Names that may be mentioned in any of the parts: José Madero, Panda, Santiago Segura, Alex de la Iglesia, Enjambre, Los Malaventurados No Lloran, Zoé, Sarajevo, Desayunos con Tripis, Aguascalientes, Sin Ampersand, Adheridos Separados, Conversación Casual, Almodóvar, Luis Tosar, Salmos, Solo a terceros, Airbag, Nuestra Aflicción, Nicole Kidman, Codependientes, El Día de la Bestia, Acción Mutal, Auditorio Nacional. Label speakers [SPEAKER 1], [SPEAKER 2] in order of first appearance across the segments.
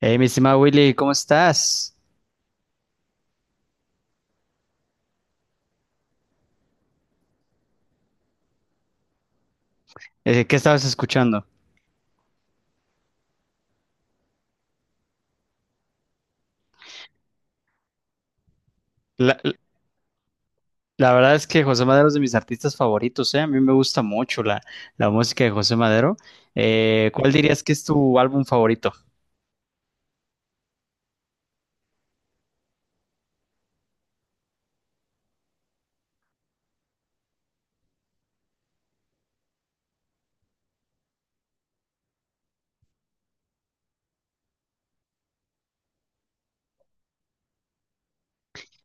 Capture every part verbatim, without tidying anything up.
[SPEAKER 1] Hey, mi estimado Willy, ¿cómo estás? Eh, ¿qué estabas escuchando? La, la verdad es que José Madero es de mis artistas favoritos, ¿eh? A mí me gusta mucho la, la música de José Madero. Eh, ¿cuál dirías que es tu álbum favorito?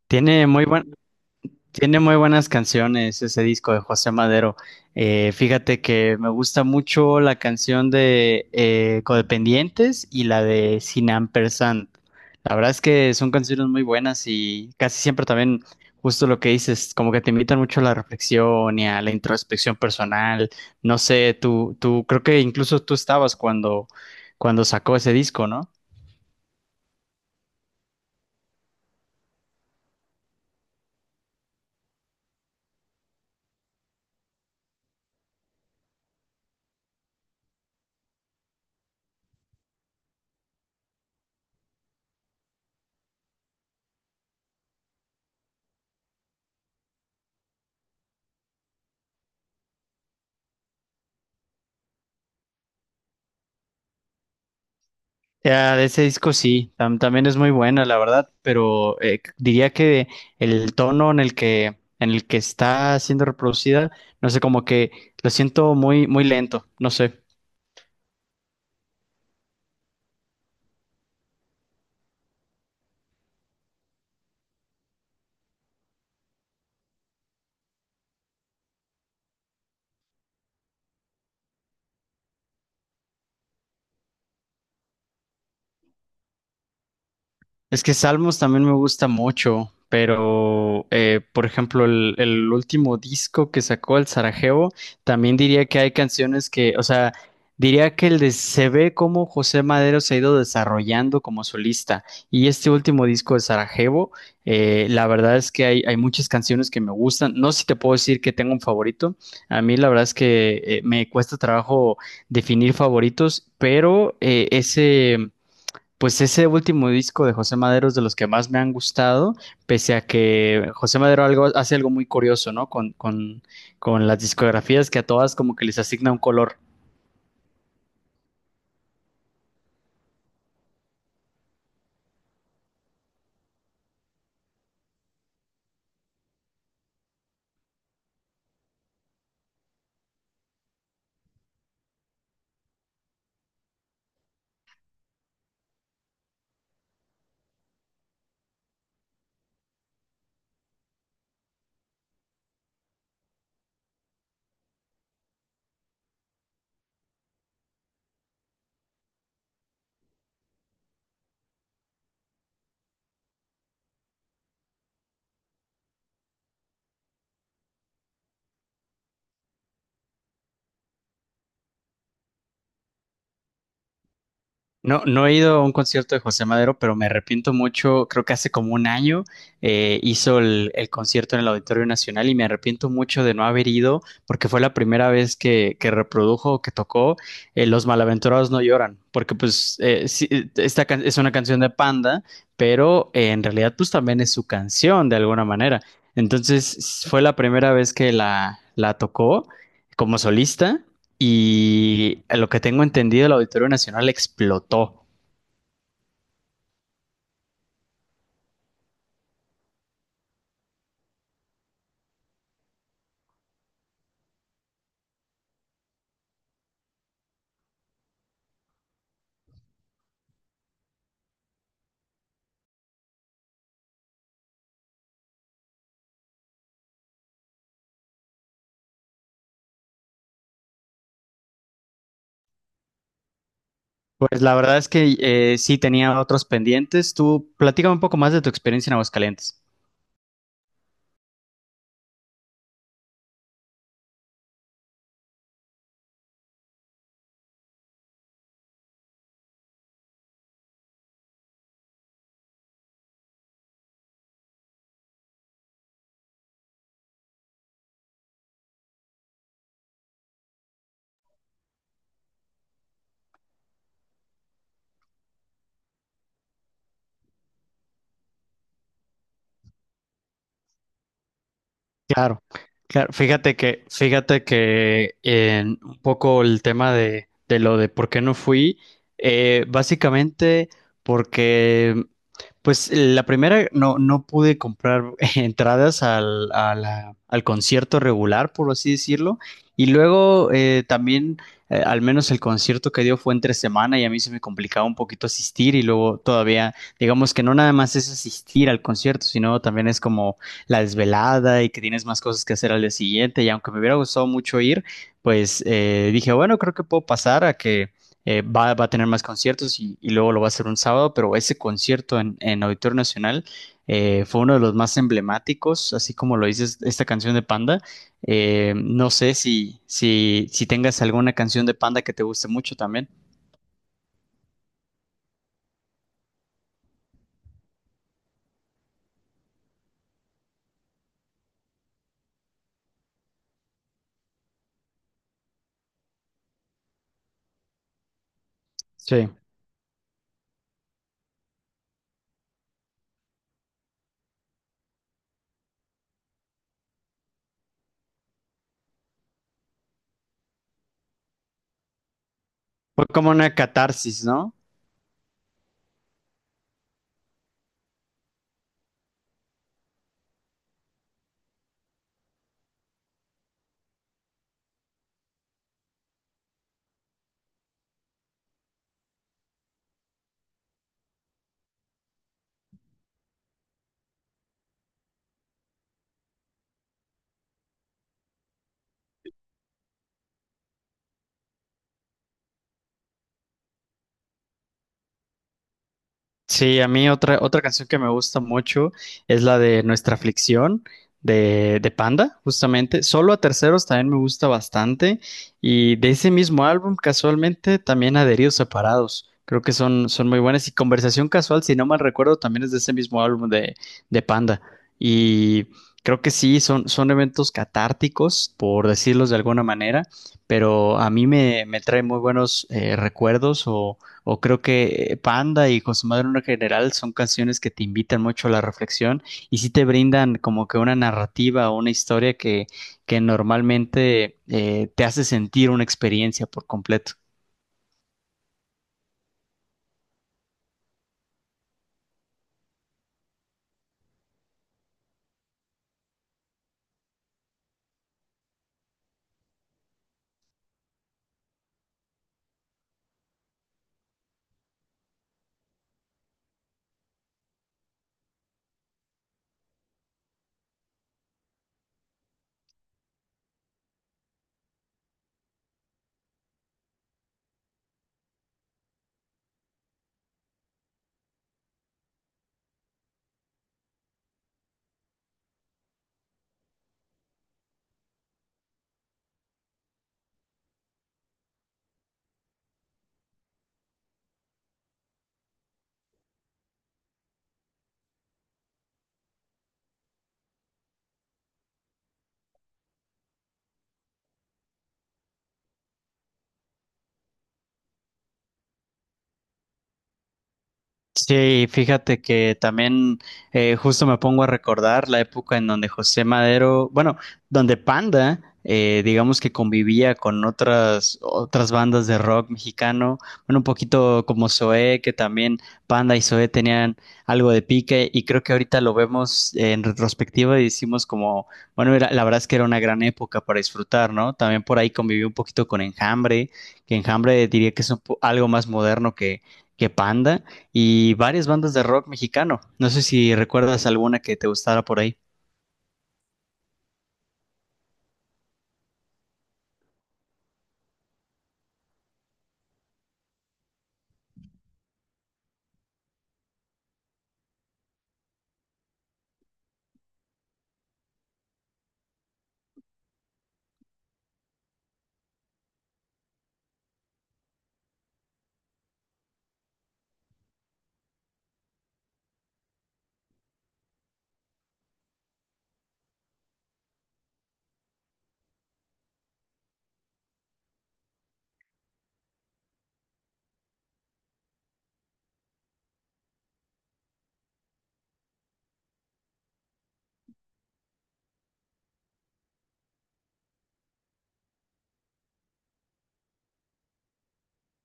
[SPEAKER 1] Tiene muy buen, Tiene muy buenas canciones ese disco de José Madero. Eh, fíjate que me gusta mucho la canción de eh, Codependientes y la de Sin Ampersand. La verdad es que son canciones muy buenas y casi siempre también, justo lo que dices, como que te invitan mucho a la reflexión y a la introspección personal. No sé, tú, tú, creo que incluso tú estabas cuando, cuando sacó ese disco, ¿no? Ya, de ese disco sí, tam- también es muy buena, la verdad, pero eh, c- diría que el tono en el que, en el que está siendo reproducida, no sé, como que lo siento muy, muy lento, no sé. Es que Salmos también me gusta mucho, pero eh, por ejemplo, el, el último disco que sacó el Sarajevo, también diría que hay canciones que, o sea, diría que el de, se ve cómo José Madero se ha ido desarrollando como solista. Y este último disco de Sarajevo, eh, la verdad es que hay, hay muchas canciones que me gustan. No sé si te puedo decir que tengo un favorito. A mí la verdad es que eh, me cuesta trabajo definir favoritos, pero eh, ese. Pues ese último disco de José Madero es de los que más me han gustado, pese a que José Madero algo, hace algo muy curioso, ¿no? Con, con, con las discografías que a todas como que les asigna un color. No, no he ido a un concierto de José Madero, pero me arrepiento mucho. Creo que hace como un año eh, hizo el, el concierto en el Auditorio Nacional y me arrepiento mucho de no haber ido porque fue la primera vez que, que reprodujo, que tocó eh, Los Malaventurados No Lloran, porque pues eh, sí, eh, esta can- es una canción de Panda, pero eh, en realidad pues también es su canción de alguna manera. Entonces s- fue la primera vez que la, la tocó como solista y a lo que tengo entendido, el Auditorio Nacional explotó. Pues la verdad es que eh, sí tenía otros pendientes. Tú platícame un poco más de tu experiencia en Aguascalientes. Claro, claro. Fíjate que, fíjate que en un poco el tema de, de lo de por qué no fui, eh, básicamente porque, pues la primera no, no pude comprar entradas al, a la- al concierto regular, por así decirlo, y luego eh, también, eh, al menos el concierto que dio fue entre semana y a mí se me complicaba un poquito asistir y luego todavía, digamos que no nada más es asistir al concierto, sino también es como la desvelada y que tienes más cosas que hacer al día siguiente. Y aunque me hubiera gustado mucho ir, pues eh, dije, bueno, creo que puedo pasar a que eh, va, va a tener más conciertos y, y luego lo va a hacer un sábado, pero ese concierto en, en Auditorio Nacional eh, fue uno de los más emblemáticos, así como lo dices, esta canción de Panda. Eh, no sé si, si, si tengas alguna canción de Panda que te guste mucho también. Sí. Fue como una catarsis, ¿no? Sí, a mí otra, otra canción que me gusta mucho es la de Nuestra Aflicción de, de Panda, justamente. Solo a terceros también me gusta bastante. Y de ese mismo álbum, casualmente, también Adheridos Separados. Creo que son, son muy buenas. Y Conversación Casual, si no mal recuerdo, también es de ese mismo álbum de, de Panda. Y creo que sí, son, son eventos catárticos, por decirlos de alguna manera, pero a mí me, me trae muy buenos eh, recuerdos o o creo que Panda y con su en general son canciones que te invitan mucho a la reflexión y sí te brindan como que una narrativa o una historia que, que normalmente eh, te hace sentir una experiencia por completo. Sí, fíjate que también eh, justo me pongo a recordar la época en donde José Madero, bueno, donde Panda, eh, digamos que convivía con otras otras bandas de rock mexicano, bueno, un poquito como Zoé, que también Panda y Zoé tenían algo de pique y creo que ahorita lo vemos en retrospectiva y decimos como, bueno, era- la verdad es que era una gran época para disfrutar, ¿no? También por ahí conviví un poquito con Enjambre, que Enjambre diría que es un po- algo más moderno que que Panda y varias bandas de rock mexicano. No sé si recuerdas alguna que te gustara por ahí.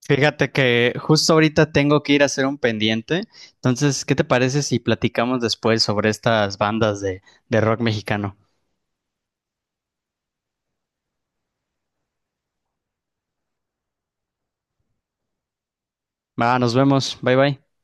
[SPEAKER 1] Fíjate que justo ahorita tengo que ir a hacer un pendiente. Entonces, ¿qué te parece si platicamos después sobre estas bandas de, de rock mexicano? Va, nos vemos. Bye bye.